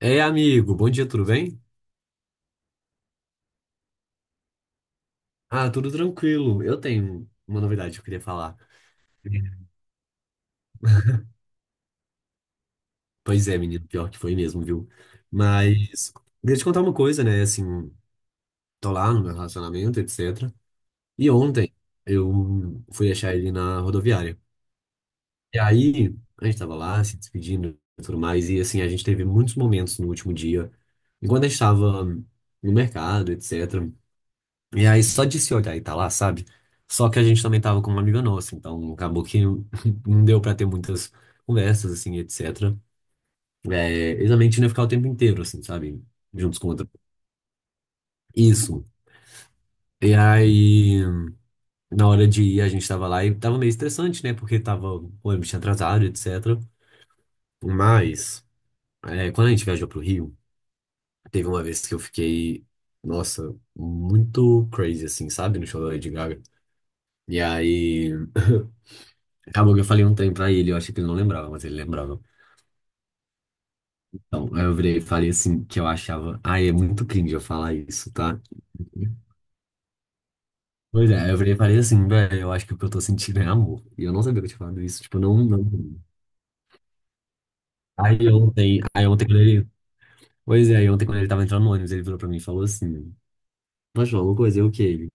Ei, amigo, bom dia, tudo bem? Ah, tudo tranquilo. Eu tenho uma novidade que eu queria falar. Pois é, menino, pior que foi mesmo, viu? Mas queria te contar uma coisa, né? Assim, tô lá no meu relacionamento, etc. E ontem eu fui achar ele na rodoviária. E aí, a gente tava lá se despedindo e tudo mais. E assim, a gente teve muitos momentos no último dia, enquanto a gente tava no mercado, etc. E aí, só de se olhar e tá lá, sabe? Só que a gente também tava com uma amiga nossa, então acabou que não deu pra ter muitas conversas, assim, etc. É, exatamente, ia ficar o tempo inteiro, assim, sabe? Juntos com outra. Isso. E aí, na hora de ir, a gente tava lá e tava meio estressante, né? Porque tava, o ônibus tinha atrasado, etc. Mas, é, quando a gente viajou pro Rio, teve uma vez que eu fiquei, nossa, muito crazy, assim, sabe? No show da Lady Gaga. E aí. Acabou que eu falei um ontem pra ele, eu achei que ele não lembrava, mas ele lembrava. Então, aí eu virei e falei assim, que eu achava. Ai, é muito cringe eu falar isso, tá? Pois é, aí eu virei e falei assim, velho, eu acho que o que eu tô sentindo é amor. E eu não sabia que eu tinha falado isso, tipo, não, não. Aí ontem quando ele. Pois é, aí ontem quando ele tava entrando no ônibus, ele virou pra mim e falou assim: mas, João, alguma coisa, eu o que ele?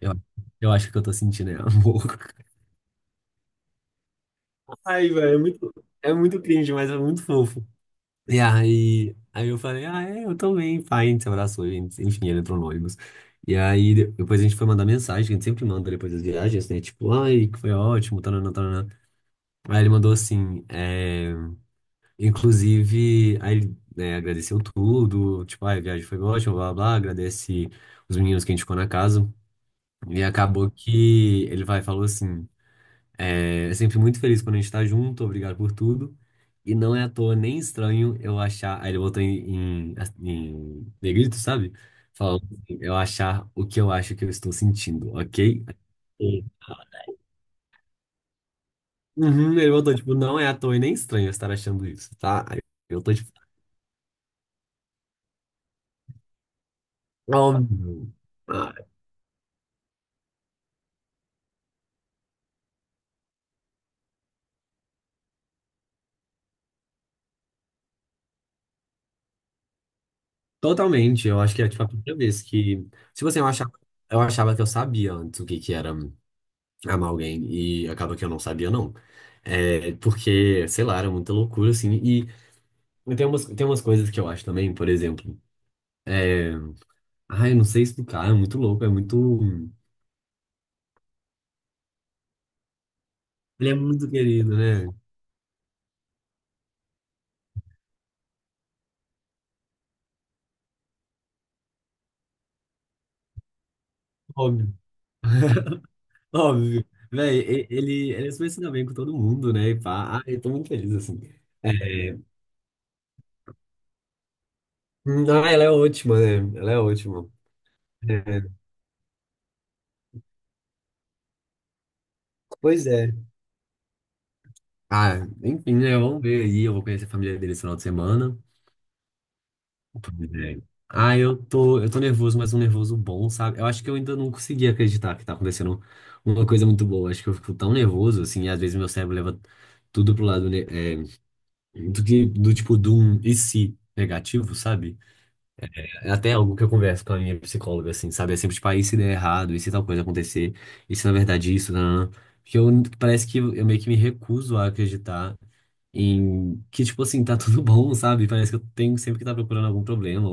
Eu, eu acho que o que eu tô sentindo é amor. Ai, velho, é muito cringe, mas é muito fofo. E aí, eu falei, ah, é, eu também, pai, a gente se abraçou, enfim, ele entrou no ônibus. E aí, depois a gente foi mandar mensagem, que a gente sempre manda depois das viagens, né? Tipo, ai, que foi ótimo, tanana, tanana. Aí ele mandou assim, é, inclusive, aí ele, né, agradeceu tudo, tipo, ai, a viagem foi ótima, blá, blá, blá, agradece os meninos que a gente ficou na casa. E acabou que ele vai, falou assim. É sempre muito feliz quando a gente tá junto, obrigado por tudo. E não é à toa nem estranho eu achar. Aí ele botou em negrito, sabe? Falando assim, eu achar o que eu acho que eu estou sentindo, ok? E- uhum, ele botou, tipo, não é à toa e nem estranho eu estar achando isso, tá? Aí eu tô tipo, óbvio. Ah, totalmente, eu acho que é tipo a primeira vez que. Tipo assim, eu achava que eu sabia antes o que que era amar alguém e acaba que eu não sabia não. É, porque, sei lá, era muita loucura assim. E tem umas coisas que eu acho também, por exemplo, ah, eu não sei explicar, é muito louco, é muito. Ele é muito querido, né? Óbvio, óbvio. Véi, ele é super se dá bem com todo mundo, né? E pá, ah, eu tô muito feliz assim. É, não, ela é ótima, né? Ela é ótima. É, pois é. Ah, enfim, né? Vamos ver aí. Eu vou conhecer a família dele esse final de semana. Pois é. Ah, eu tô nervoso, mas um nervoso bom, sabe? Eu acho que eu ainda não consegui acreditar que tá acontecendo uma coisa muito boa. Acho que eu fico tão nervoso, assim, e às vezes meu cérebro leva tudo pro lado, né, é, do que, do tipo, do um e se negativo, sabe? É até algo que eu converso com a minha psicóloga, assim, sabe? É sempre, tipo, ah, e se der errado, e se tal coisa acontecer, e se na verdade isso, não, porque eu, parece que eu meio que me recuso a acreditar em que, tipo assim, tá tudo bom, sabe? Parece que eu tenho sempre que tá procurando algum problema.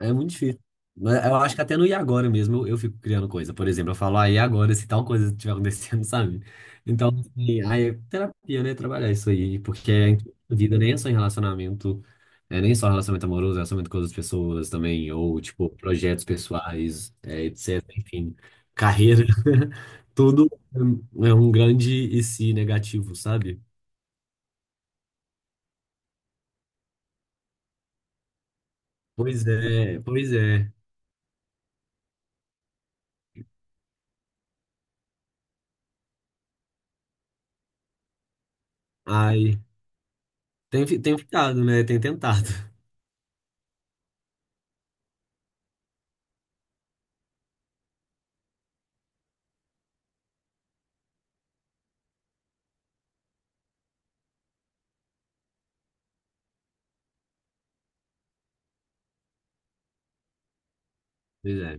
É muito difícil. Mas eu acho que até no e agora mesmo eu fico criando coisa. Por exemplo, eu falo, ah, e agora se tal coisa estiver acontecendo, sabe? Então, assim, aí é terapia, né? Trabalhar isso aí. Porque é em tudo na vida nem é só em relacionamento, é nem só relacionamento amoroso, é relacionamento com outras pessoas também, ou, tipo, projetos pessoais, é, etc. Enfim, carreira. Tudo é um grande e se negativo, sabe? Pois é, pois é. Ai, tem ficado, né? Tem tentado. Pois é.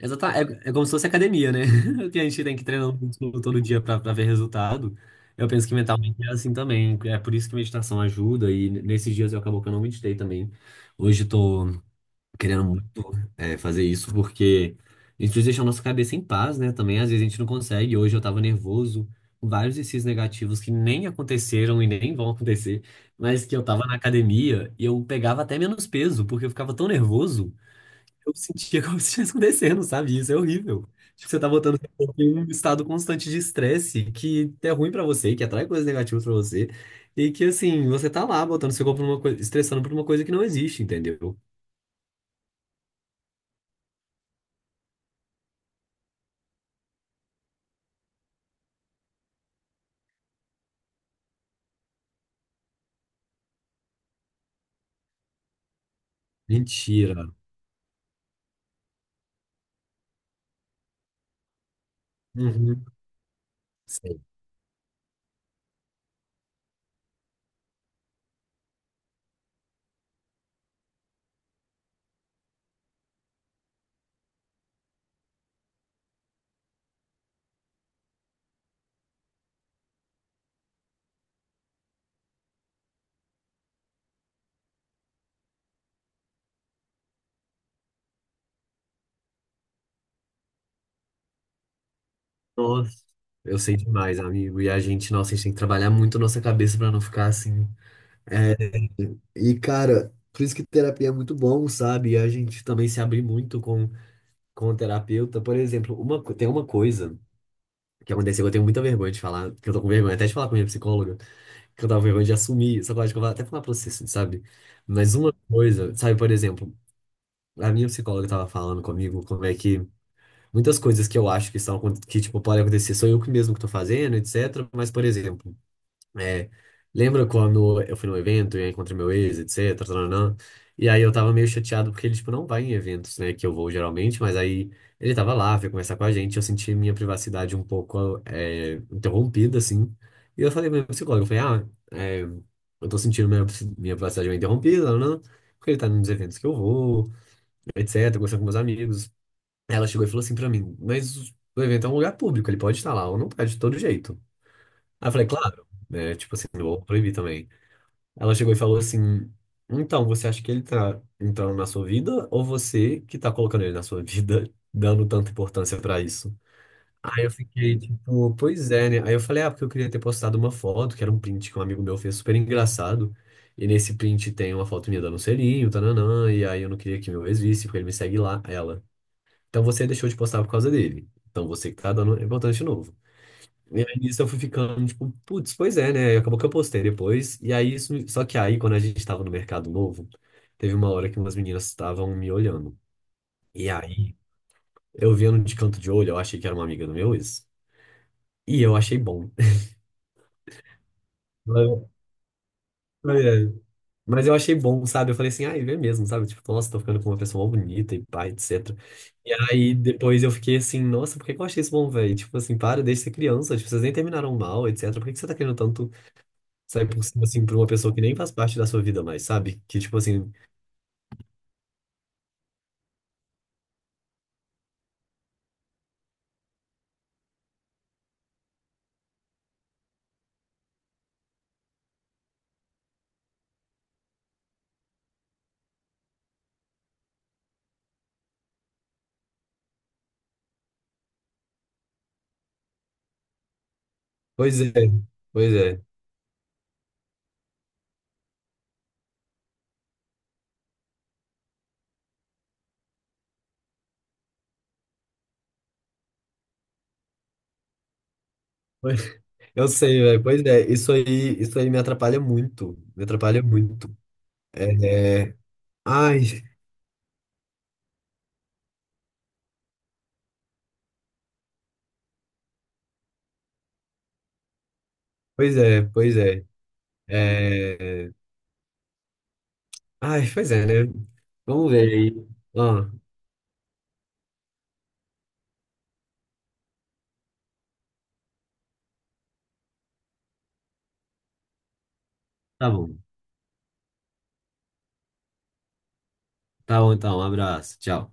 Exatamente. É, é como se fosse academia, né? que a gente tem que treinar um músculo todo dia pra ver resultado. Eu penso que mentalmente é assim também. É por isso que meditação ajuda. E nesses dias eu acabou que eu não meditei também. Hoje eu tô querendo muito, é, fazer isso porque a gente precisa deixar a nossa cabeça em paz, né? Também às vezes a gente não consegue. Hoje eu tava nervoso. Vários desses negativos que nem aconteceram e nem vão acontecer, mas que eu tava na academia e eu pegava até menos peso, porque eu ficava tão nervoso eu sentia como se estivesse acontecendo, sabe? Isso é horrível. Tipo, você tá botando seu corpo em um estado constante de estresse que é ruim pra você, que atrai coisas negativas pra você, e que, assim, você tá lá botando seu corpo numa coisa, estressando por uma coisa que não existe, entendeu? Mentira. Uhum. Sei. Nossa, eu sei demais, amigo. E a gente, nossa, a gente tem que trabalhar muito a nossa cabeça pra não ficar assim. E, cara, por isso que terapia é muito bom, sabe? E a gente também se abrir muito com o terapeuta. Por exemplo, tem uma coisa. O que aconteceu, eu tenho muita vergonha de falar, que eu tô com vergonha até de falar com a minha psicóloga, que eu tava com vergonha de assumir, só que eu acho que eu vou até falar pra você, assim, sabe? Mas uma coisa, sabe, por exemplo, a minha psicóloga tava falando comigo como é que muitas coisas que eu acho que estão, que, tipo, podem acontecer, sou eu que mesmo que tô fazendo, etc. Mas, por exemplo, é, lembra quando eu fui num evento e aí encontrei meu ex, etc, tananã, e aí eu tava meio chateado porque ele, tipo, não vai em eventos, né, que eu vou geralmente, mas aí ele tava lá, veio conversar com a gente, eu senti minha privacidade um pouco é, interrompida, assim, e eu falei pra minha psicóloga, eu falei, ah, é, eu tô sentindo minha privacidade meio interrompida, tananã, porque ele tá nos eventos que eu vou, etc, conversando com meus amigos. Ela chegou e falou assim pra mim, mas o evento é um lugar público, ele pode estar lá ou não pode, de todo jeito. Aí eu falei, claro, né? Tipo assim, não vou proibir também. Ela chegou e falou assim: então, você acha que ele tá entrando na sua vida ou você que tá colocando ele na sua vida, dando tanta importância pra isso? Aí eu fiquei tipo, pois é, né? Aí eu falei, ah, porque eu queria ter postado uma foto, que era um print que um amigo meu fez super engraçado. E nesse print tem uma foto minha dando um selinho, tananã, e aí eu não queria que meu ex visse, porque ele me segue lá, ela. Então você deixou de postar por causa dele. Então você que tá dando importância de novo. E aí nisso eu fui ficando, tipo, putz, pois é, né? E acabou que eu postei depois. E aí, isso, só que aí, quando a gente tava no mercado novo, teve uma hora que umas meninas estavam me olhando. E aí, eu vendo de canto de olho, eu achei que era uma amiga do meu ex. E eu achei bom. Mas é, mas eu achei bom, sabe? Eu falei assim, ai, vê mesmo, sabe? Tipo, nossa, tô ficando com uma pessoa mó bonita e pá, etc. E aí, depois eu fiquei assim, nossa, por que que eu achei isso bom, velho? Tipo assim, para, deixa de ser criança, tipo, vocês nem terminaram mal, etc. Por que que você tá querendo tanto sai por cima, assim, pra uma pessoa que nem faz parte da sua vida mais, sabe? Que, tipo assim, pois é, pois é. pois- Eu sei, velho, pois é. Isso aí me atrapalha muito. Me atrapalha muito. É. Ai, pois é, pois é. É... Ai, pois é, né? Vamos ver aí. Ó, tá bom. Tá bom, então. Um abraço. Tchau.